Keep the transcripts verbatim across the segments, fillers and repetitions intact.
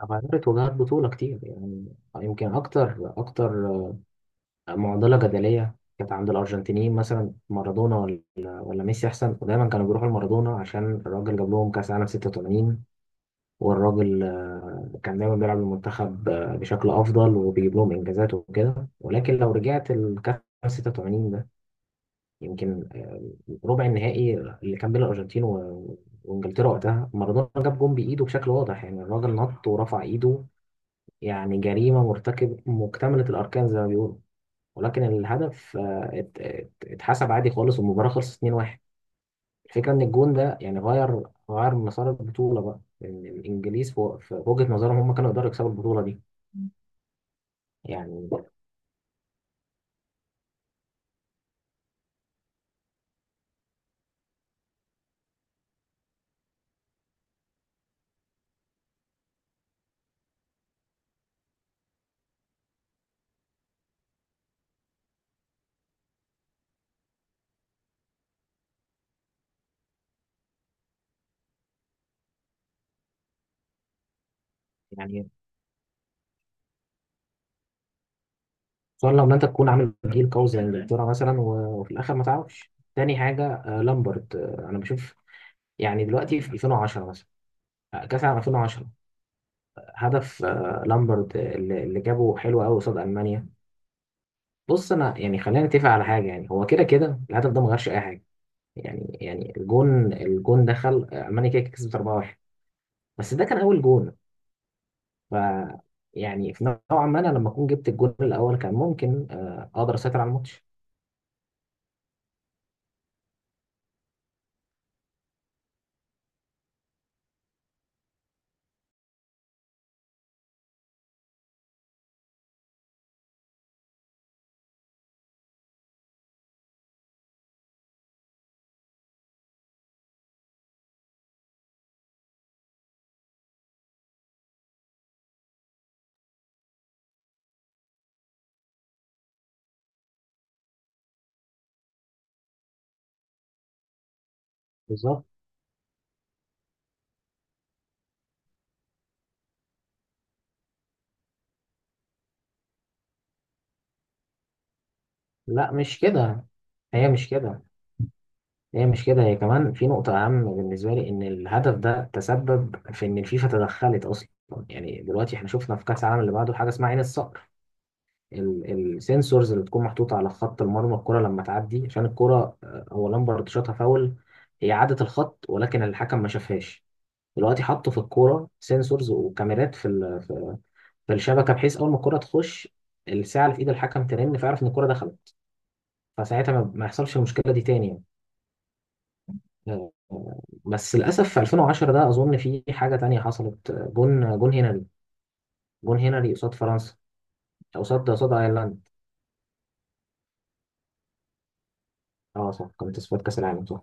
عملت وجهات بطولة كتير يعني يمكن أكتر أكتر معضلة جدلية كانت عند الأرجنتينيين مثلا مارادونا ولا ولا ميسي أحسن، ودايما كانوا بيروحوا لمارادونا عشان الراجل جاب لهم كأس عالم ستة وتمانين. والراجل آه، كان دايما بيلعب المنتخب آه، بشكل أفضل وبيجيب لهم إنجازات وكده، ولكن لو رجعت الكأس ستة وتمانين ده يمكن آه، ربع النهائي اللي كان بين الأرجنتين و- وإنجلترا، وقتها مارادونا جاب جون بإيده بشكل واضح، يعني الراجل نط ورفع إيده، يعني جريمة مرتكب مكتملة الأركان زي ما بيقولوا، ولكن الهدف آه، ات- ات- اتحسب عادي خالص والمباراة خلصت اتنين واحد. الفكرة إن الجون ده يعني غير غير مسار البطولة، بقى إن الإنجليز في في وجهة نظرهم هم كانوا يقدروا يكسبوا البطولة دي. يعني يعني خصوصا لو إن أنت تكون عامل جيل قوي زي إنجلترا مثلا، و- وفي الآخر ما تعرفش تاني حاجة، آه، لامبرت. آه، أنا بشوف يعني دلوقتي في ألفين وعشرة مثلا، آه، كأس العالم ألفين وعشرة، هدف آه، لامبرت آه، اللي اللي جابه حلو قوي قصاد ألمانيا. بص، انا يعني خلينا نتفق على حاجه، يعني هو كده كده الهدف ده ما غيرش اي حاجه، يعني يعني الجون الجون دخل، آه، المانيا كده كده كسبت أربعة واحد، بس ده كان اول جون، ف يعني في نوعا ما انا لما اكون جبت الجون الاول كان ممكن آه، اقدر اسيطر على الماتش. بالظبط. لا مش كده، هي مش كده هي مش كده، هي كمان في نقطة أهم بالنسبة لي، إن الهدف ده تسبب في إن الفيفا تدخلت أصلا. يعني دلوقتي إحنا شفنا في كأس العالم اللي بعده حاجة اسمها عين الصقر، السنسورز اللي بتكون محطوطة على خط المرمى، الكرة لما تعدي، عشان الكرة آه، هو لامبرد شاطها فاول، هي عدت الخط ولكن الحكم ما شافهاش. دلوقتي حطوا في الكورة سنسورز وكاميرات في ال- في في الشبكة، بحيث أول ما الكرة تخش، الساعة اللي في إيد الحكم ترن فيعرف إن الكرة دخلت، فساعتها ما ما يحصلش المشكلة دي تاني يعني. آه، آه، بس للأسف في ألفين وعشرة ده أظن في حاجة تانية حصلت، آه، جون جون هنري، جون هنري قصاد فرنسا، قصاد قصاد أيرلندا. اه صح، كانت في كأس العالم صح،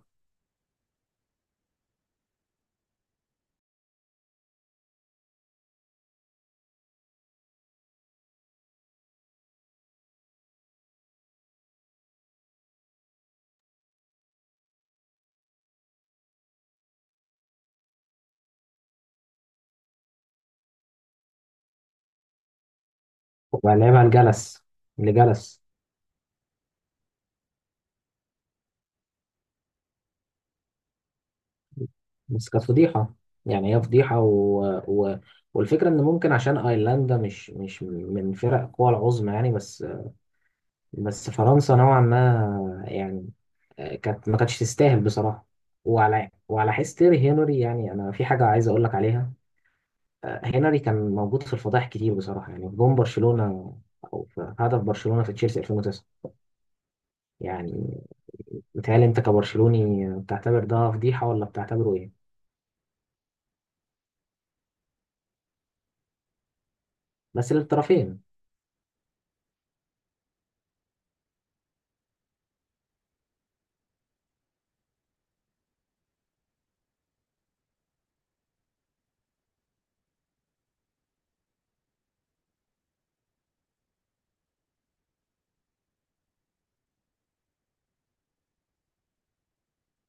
ولعبها الجلس لجلس. بس كانت فضيحة، يعني هي فضيحة و... و... والفكرة إن ممكن عشان أيرلندا مش مش من فرق القوى العظمى يعني، بس بس فرنسا نوعا ما يعني آه، كانت ما كانتش تستاهل بصراحة. وعلى وعلى حس تيري هنري، يعني أنا في حاجة عايز أقول لك عليها. آه، هنري كان موجود في الفضائح كتير بصراحة، يعني في جون برشلونة أو في هدف برشلونة في تشيلسي ألفين وتسعة، يعني متهيألي أنت كبرشلوني بتعتبر ده فضيحة ولا بتعتبره إيه؟ بس للطرفين.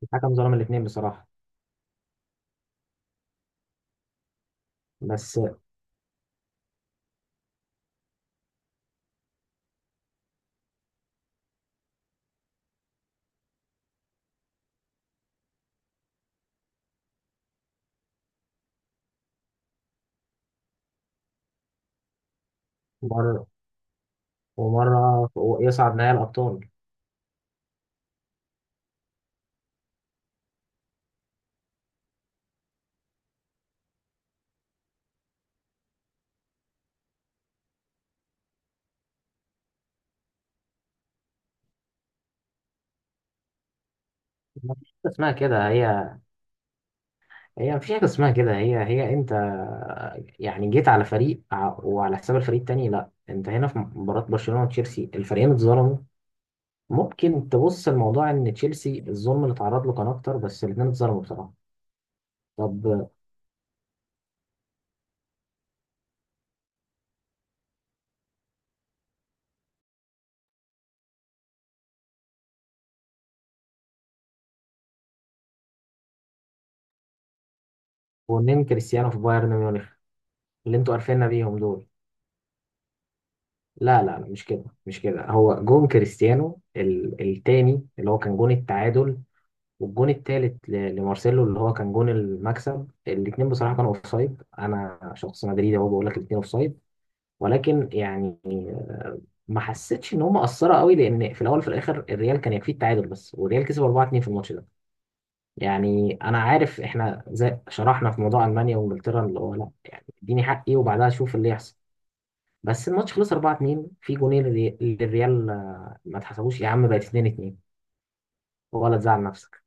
الحكم ظلم الاثنين بصراحة. بس مرة ومرة يصعد نهائي الأبطال. مفيش حاجة اسمها كده، هي هي مفيش حاجة اسمها كده، هي هي أنت يعني جيت على فريق، ع- وعلى حساب الفريق التاني، لا، أنت هنا في مباراة برشلونة وتشيلسي الفريقين اتظلموا. ممكن تبص الموضوع إن تشيلسي الظلم اللي اتعرض له كان أكتر، بس الاتنين اتظلموا بصراحة. طب ونين كريستيانو في بايرن ميونخ اللي أنتوا قرفنا بيهم دول. لا لا لا، مش كده، مش كده هو جون كريستيانو ال- التاني اللي هو كان جون التعادل، والجون التالت ل- لمارسيلو اللي هو كان جون المكسب، الاتنين بصراحة كانوا اوفسايد. انا شخص مدريدي اهو بقول لك الاتنين اوفسايد، ولكن يعني ما حسيتش ان هم اثروا قوي، لان في الاول وفي الاخر الريال كان يكفيه التعادل بس، والريال كسب أربعة اتنين في الماتش ده. يعني انا عارف احنا زي شرحنا في موضوع المانيا وانجلترا، اللي هو لا، اديني حقي وبعدها شوف اللي يحصل، بس الماتش خلص أربعة اتنين، في جونين للري- للريال آه، ما اتحسبوش يا عم، بقت اثنين اثنين، ولا تزعل نفسك.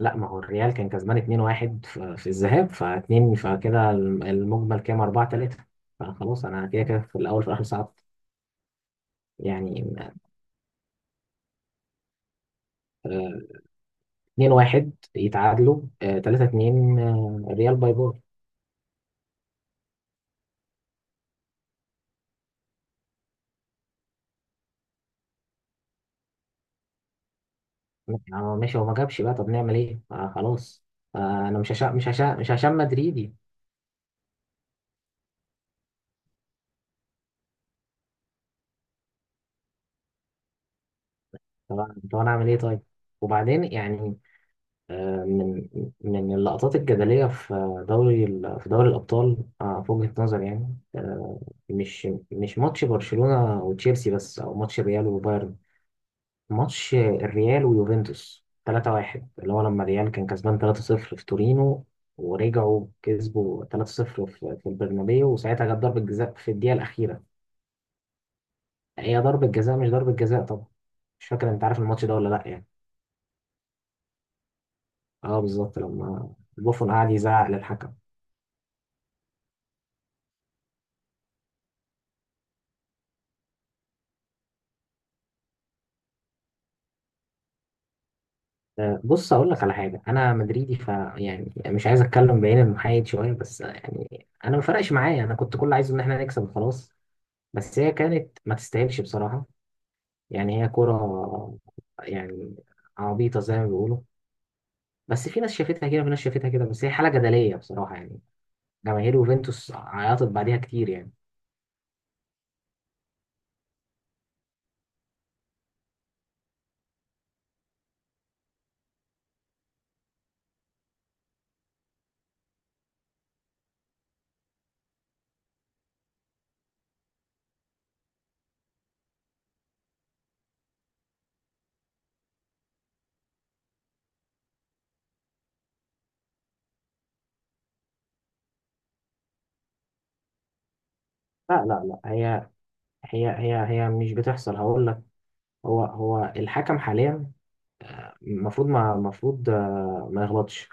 لا، ما هو الريال كان كسبان اثنين واحد في في الذهاب ف2، فكده الم- المجمل كام أربعة تلاتة، فخلاص انا كده كده في الاول في الاخر صعدت يعني. آه، اثنين واحد يتعادلوا، آه، ثلاثة اثنين، آه، الريال باي باي. آه، ماشي، هو ما جابش بقى، طب نعمل ايه، آه، خلاص. آه، انا مش هشام، مش هشام مش هشام مدريدي. طب أنا- طب انا اعمل ايه طيب؟ وبعدين يعني آه، من من اللقطات الجدلية في دوري ال- في دوري الأبطال آه، في وجهة نظري يعني، آه، مش مش ماتش برشلونة وتشيلسي بس، أو ماتش ريال وبايرن، ماتش الريال ويوفنتوس تلاتة واحد اللي هو لما الريال كان كسبان ثلاثة صفر في تورينو، ورجعوا كسبوا ثلاثة صفر في في البرنابيو، وساعتها جت ضربة جزاء في الدقيقة الأخيرة. هي ضربة جزاء مش ضربة جزاء طبعا. مش فاكر أنت عارف الماتش ده ولا لأ يعني. أه بالظبط، لما بوفون قعد يزعق للحكم. آه، بص اقول لك على حاجه، انا مدريدي ف يعني مش عايز اتكلم بعين المحايد شويه، بس يعني انا ما فرقش معايا، انا كنت كل عايزه ان احنا نكسب وخلاص، بس هي كانت ما تستاهلش بصراحه، يعني هي كره يعني عبيطه زي ما بيقولوا، بس في ناس شافتها كده وفي ناس شافتها كده، بس هي حاله جدليه بصراحه يعني. جماهير يوفنتوس عيطت بعديها كتير يعني. لا لا لا، هي هي هي هي مش بتحصل، هقول لك. هو هو الحكم حاليا المفروض ما المفروض آه، ما يغلطش،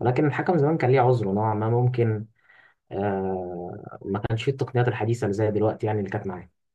ولكن الحكم زمان كان ليه عذره نوعا ما، ممكن آه ما كانش فيه التقنيات الحديثة اللي زي دلوقتي يعني اللي كانت معاه.